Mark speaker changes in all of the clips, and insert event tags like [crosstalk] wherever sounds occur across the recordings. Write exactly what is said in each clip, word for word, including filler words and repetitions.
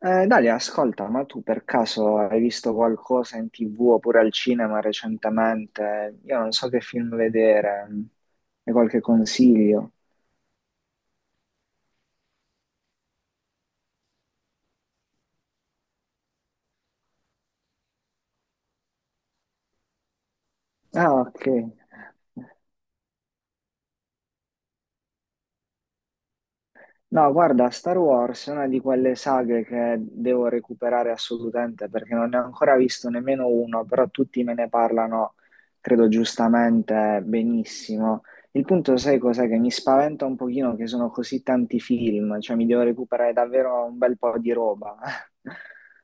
Speaker 1: Eh, Dalia, ascolta, ma tu per caso hai visto qualcosa in T V oppure al cinema recentemente? Io non so che film vedere, hai qualche consiglio? Ah, ok. No, guarda, Star Wars è una di quelle saghe che devo recuperare assolutamente perché non ne ho ancora visto nemmeno uno, però tutti me ne parlano, credo giustamente, benissimo. Il punto, sai cos'è? Che mi spaventa un pochino che sono così tanti film, cioè mi devo recuperare davvero un bel po' di roba. [laughs]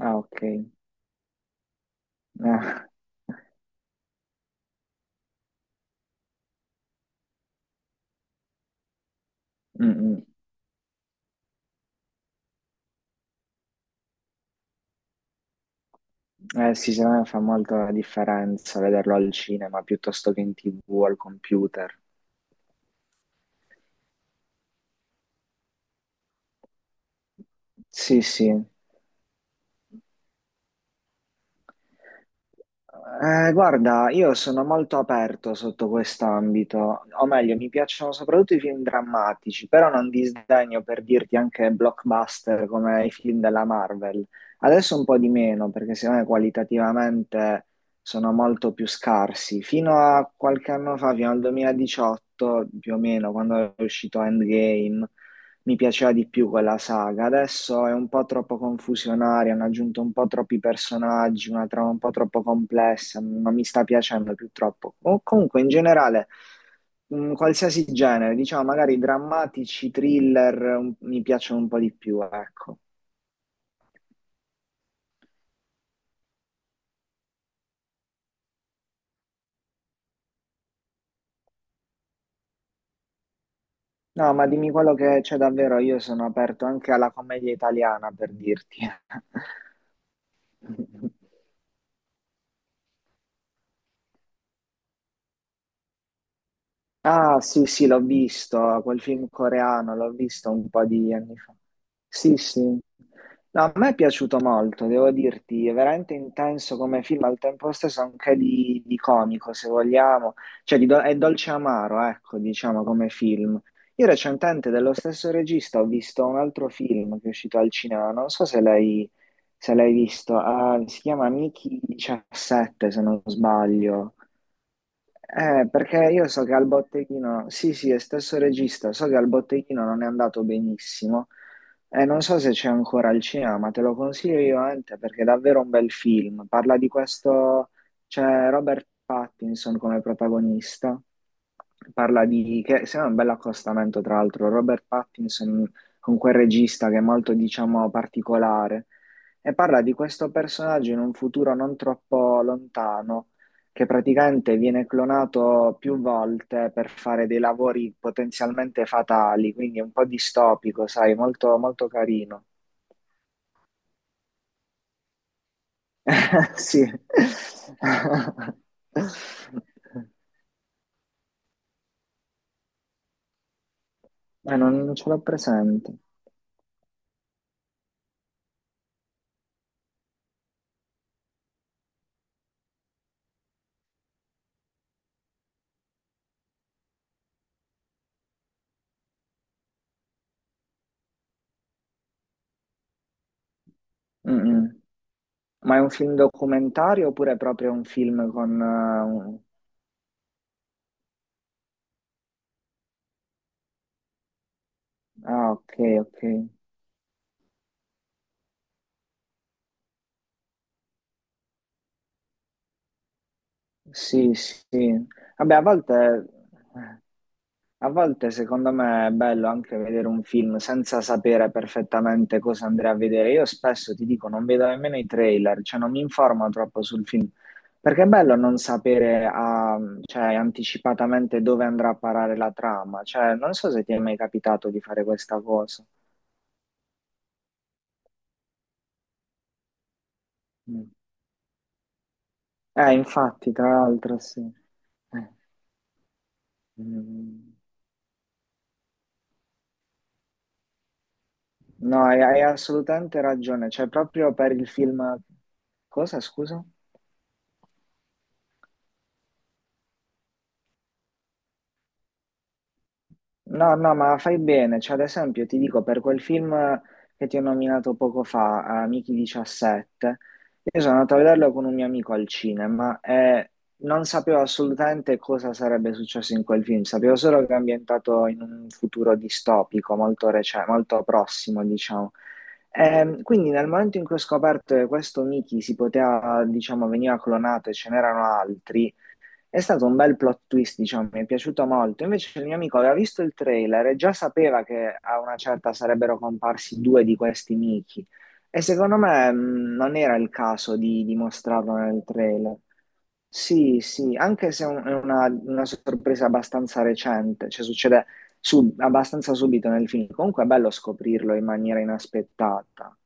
Speaker 1: Ah, ok. Ah, mm, mm. Eh, sì, secondo me fa molto la differenza vederlo al cinema piuttosto che in T V o al computer. Sì, sì. Eh, guarda, io sono molto aperto sotto quest'ambito, o meglio, mi piacciono soprattutto i film drammatici, però non disdegno per dirti anche blockbuster come i film della Marvel. Adesso un po' di meno, perché secondo me qualitativamente sono molto più scarsi. Fino a qualche anno fa, fino al duemiladiciotto più o meno, quando è uscito Endgame, mi piaceva di più quella saga. Adesso è un po' troppo confusionaria, hanno aggiunto un po' troppi personaggi, una trama un po' troppo complessa, non mi sta piacendo più troppo. O comunque, in generale, mh, qualsiasi genere, diciamo magari drammatici, thriller, un- mi piacciono un po' di più, ecco. No, ma dimmi quello che c'è davvero, io sono aperto anche alla commedia italiana, per dirti. [laughs] Ah, sì, sì, l'ho visto, quel film coreano, l'ho visto un po' di anni fa. Sì, sì. No, a me è piaciuto molto, devo dirti, è veramente intenso come film, al tempo stesso anche di, di comico, se vogliamo. Cioè, di do- è dolce amaro, ecco, diciamo, come film. Io recentemente, dello stesso regista, ho visto un altro film che è uscito al cinema, non so se l'hai se l'hai visto, ah, si chiama Mickey diciassette, se non sbaglio. Eh, perché io so che al botteghino, sì, sì, è stesso regista, so che al botteghino non è andato benissimo. Eh, non so se c'è ancora al cinema, ma te lo consiglio io, Ante, perché è davvero un bel film. Parla di questo, c'è Robert Pattinson come protagonista. Parla di, che sembra un bel accostamento, tra l'altro, Robert Pattinson con quel regista che è molto, diciamo, particolare. E parla di questo personaggio in un futuro non troppo lontano che praticamente viene clonato più volte per fare dei lavori potenzialmente fatali, quindi è un po' distopico, sai, molto, molto carino. [laughs] Sì. Ma non, non ce l'ho presente. Mm-mm. Ma è un film documentario oppure è proprio un film con... eh, un- Ah, ok, ok. Sì, sì. Vabbè, a volte... eh, A volte secondo me è bello anche vedere un film senza sapere perfettamente cosa andrei a vedere. Io spesso ti dico, non vedo nemmeno i trailer, cioè non mi informo troppo sul film, perché è bello non sapere ah, cioè, anticipatamente dove andrà a parare la trama. Cioè, non so se ti è mai capitato di fare questa cosa. Mm. Eh, infatti, tra l'altro, sì. Eh, mm. No, hai, hai assolutamente ragione, cioè proprio per il film... Cosa, scusa? No, no, ma fai bene. Cioè, ad esempio, ti dico, per quel film che ti ho nominato poco fa, Amici diciassette, io sono andato a vederlo con un mio amico al cinema e non sapevo assolutamente cosa sarebbe successo in quel film. Sapevo solo che è ambientato in un futuro distopico, molto rece- molto prossimo, diciamo. Ehm, quindi nel momento in cui ho scoperto che questo Mickey si poteva, diciamo, veniva clonato e ce n'erano altri, è stato un bel plot twist, diciamo, mi è piaciuto molto. Invece il mio amico aveva visto il trailer e già sapeva che a una certa sarebbero comparsi due di questi Mickey. E secondo me mh, non era il caso di, di mostrarlo nel trailer. Sì, sì, anche se è un- è una, una sorpresa abbastanza recente, cioè succede su- abbastanza subito nel film. Comunque è bello scoprirlo in maniera inaspettata.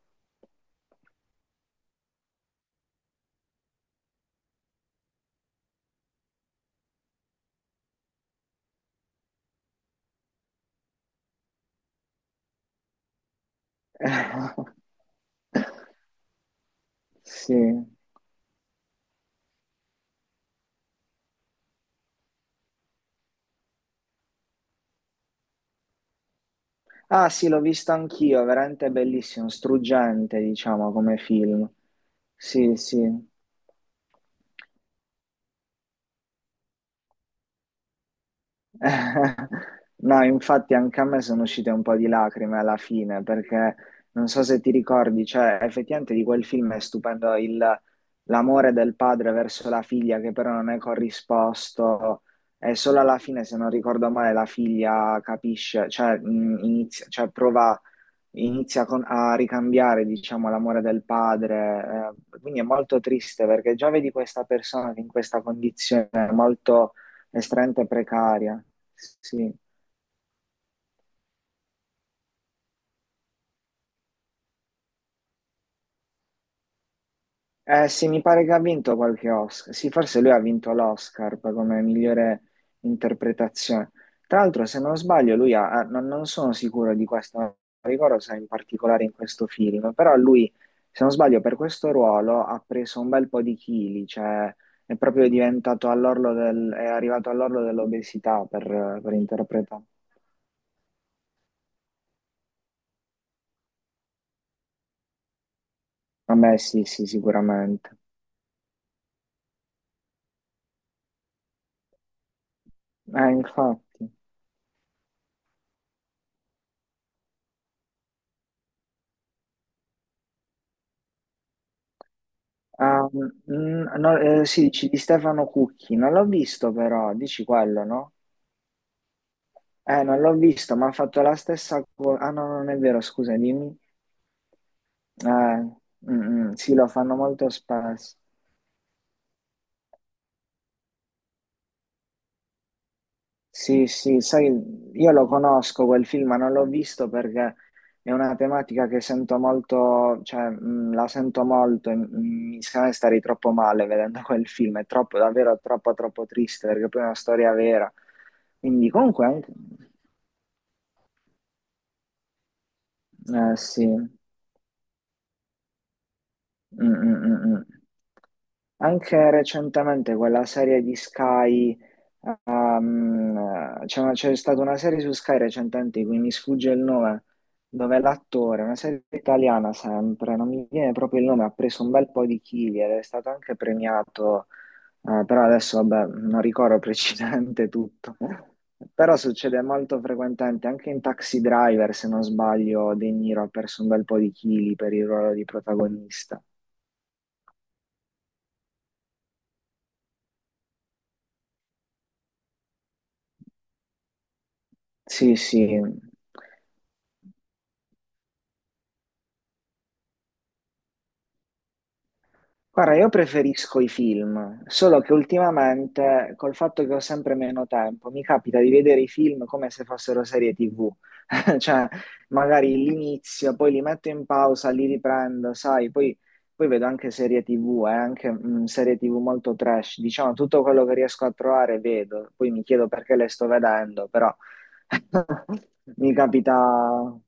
Speaker 1: [laughs] Sì. Ah sì, l'ho visto anch'io, è veramente bellissimo, struggente, diciamo, come film. Sì, sì. [laughs] No, infatti anche a me sono uscite un po' di lacrime alla fine, perché non so se ti ricordi, cioè effettivamente di quel film è stupendo il- l'amore del padre verso la figlia che però non è corrisposto e solo alla fine, se non ricordo male, la figlia capisce, cioè, mh, inizia, cioè prova inizia con- a ricambiare, diciamo, l'amore del padre. eh, quindi è molto triste perché già vedi questa persona che in questa condizione è molto estremamente precaria. Sì. Eh sì, mi pare che ha vinto qualche Oscar. Sì, forse lui ha vinto l'Oscar per- come migliore interpretazione. Tra l'altro, se non sbaglio, lui ha, ha- non, non sono sicuro di questo, non ricordo se in particolare in questo film, però lui, se non sbaglio, per questo ruolo ha preso un bel po' di chili, cioè è proprio diventato all'orlo del, è arrivato all'orlo dell'obesità per, per interpretare. Vabbè, sì, sì, sicuramente. Eh, infatti. Ah, mm, no, eh, sì, dici di Stefano Cucchi, non l'ho visto però, dici quello, no? Eh, non l'ho visto, ma ha fatto la stessa cosa. Ah, no, non è vero, scusa, dimmi. Eh, mm, mm, sì, lo fanno molto spesso. Sì, sì, sai, io lo conosco quel film, ma non l'ho visto perché è una tematica che sento molto, cioè, mm, la sento molto e mm, mi sembra stare troppo male vedendo quel film, è troppo, davvero troppo, troppo triste perché poi è una storia vera. Quindi comunque... anche- Eh sì, Mm, mm, mm, mm. Anche recentemente quella serie di Sky, ehm, c'è una- c'è stata una serie su Sky recentemente, di cui mi sfugge il nome, dove l'attore, una serie italiana sempre, non mi viene proprio il nome, ha preso un bel po' di chili ed è stato anche premiato, eh, però adesso vabbè, non ricordo [laughs] precisamente tutto. Però succede molto frequentemente, anche in Taxi Driver, se non sbaglio, De Niro ha perso un bel po' di chili per il ruolo di protagonista. Sì, sì. Guarda, io preferisco i film, solo che ultimamente, col fatto che ho sempre meno tempo, mi capita di vedere i film come se fossero serie T V. [laughs] Cioè, magari l'inizio, poi li metto in pausa, li riprendo, sai, poi, poi vedo anche serie T V, eh, anche mm, serie T V molto trash. Diciamo, tutto quello che riesco a trovare vedo, poi mi chiedo perché le sto vedendo, però [laughs] mi capita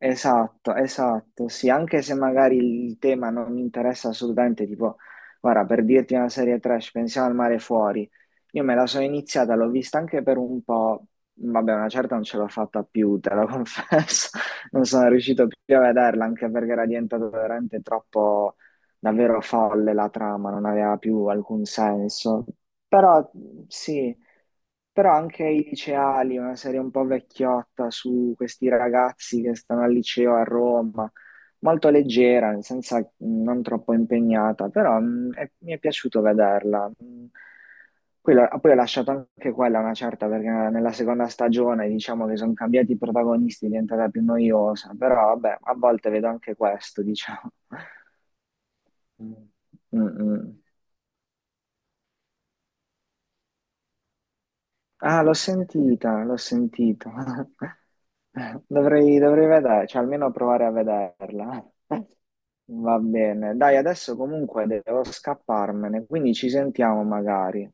Speaker 1: Esatto, esatto, sì, anche se magari il tema non mi interessa assolutamente, tipo, guarda, per dirti una serie trash, pensiamo al mare fuori, io me la sono iniziata, l'ho vista anche per un po', vabbè, una certa non ce l'ho fatta più, te lo [laughs] confesso, non sono riuscito più a vederla, anche perché era diventata veramente troppo, davvero folle la trama, non aveva più alcun senso, però sì. Però anche i liceali, una serie un po' vecchiotta su questi ragazzi che stanno al liceo a Roma, molto leggera, nel senso mh, non troppo impegnata, però mh, è- mi è piaciuto vederla. Mh, Poi, l'ho- poi ho lasciato anche quella una certa perché nella seconda stagione diciamo che sono cambiati i protagonisti, è diventata più noiosa, però vabbè, a volte vedo anche questo, diciamo. [laughs] Mm. Mm, mm. Ah, l'ho sentita, l'ho sentita. [laughs] Dovrei, dovrei vedere, cioè almeno provare a vederla. [laughs] Va bene. Dai, adesso comunque devo scapparmene, quindi ci sentiamo magari.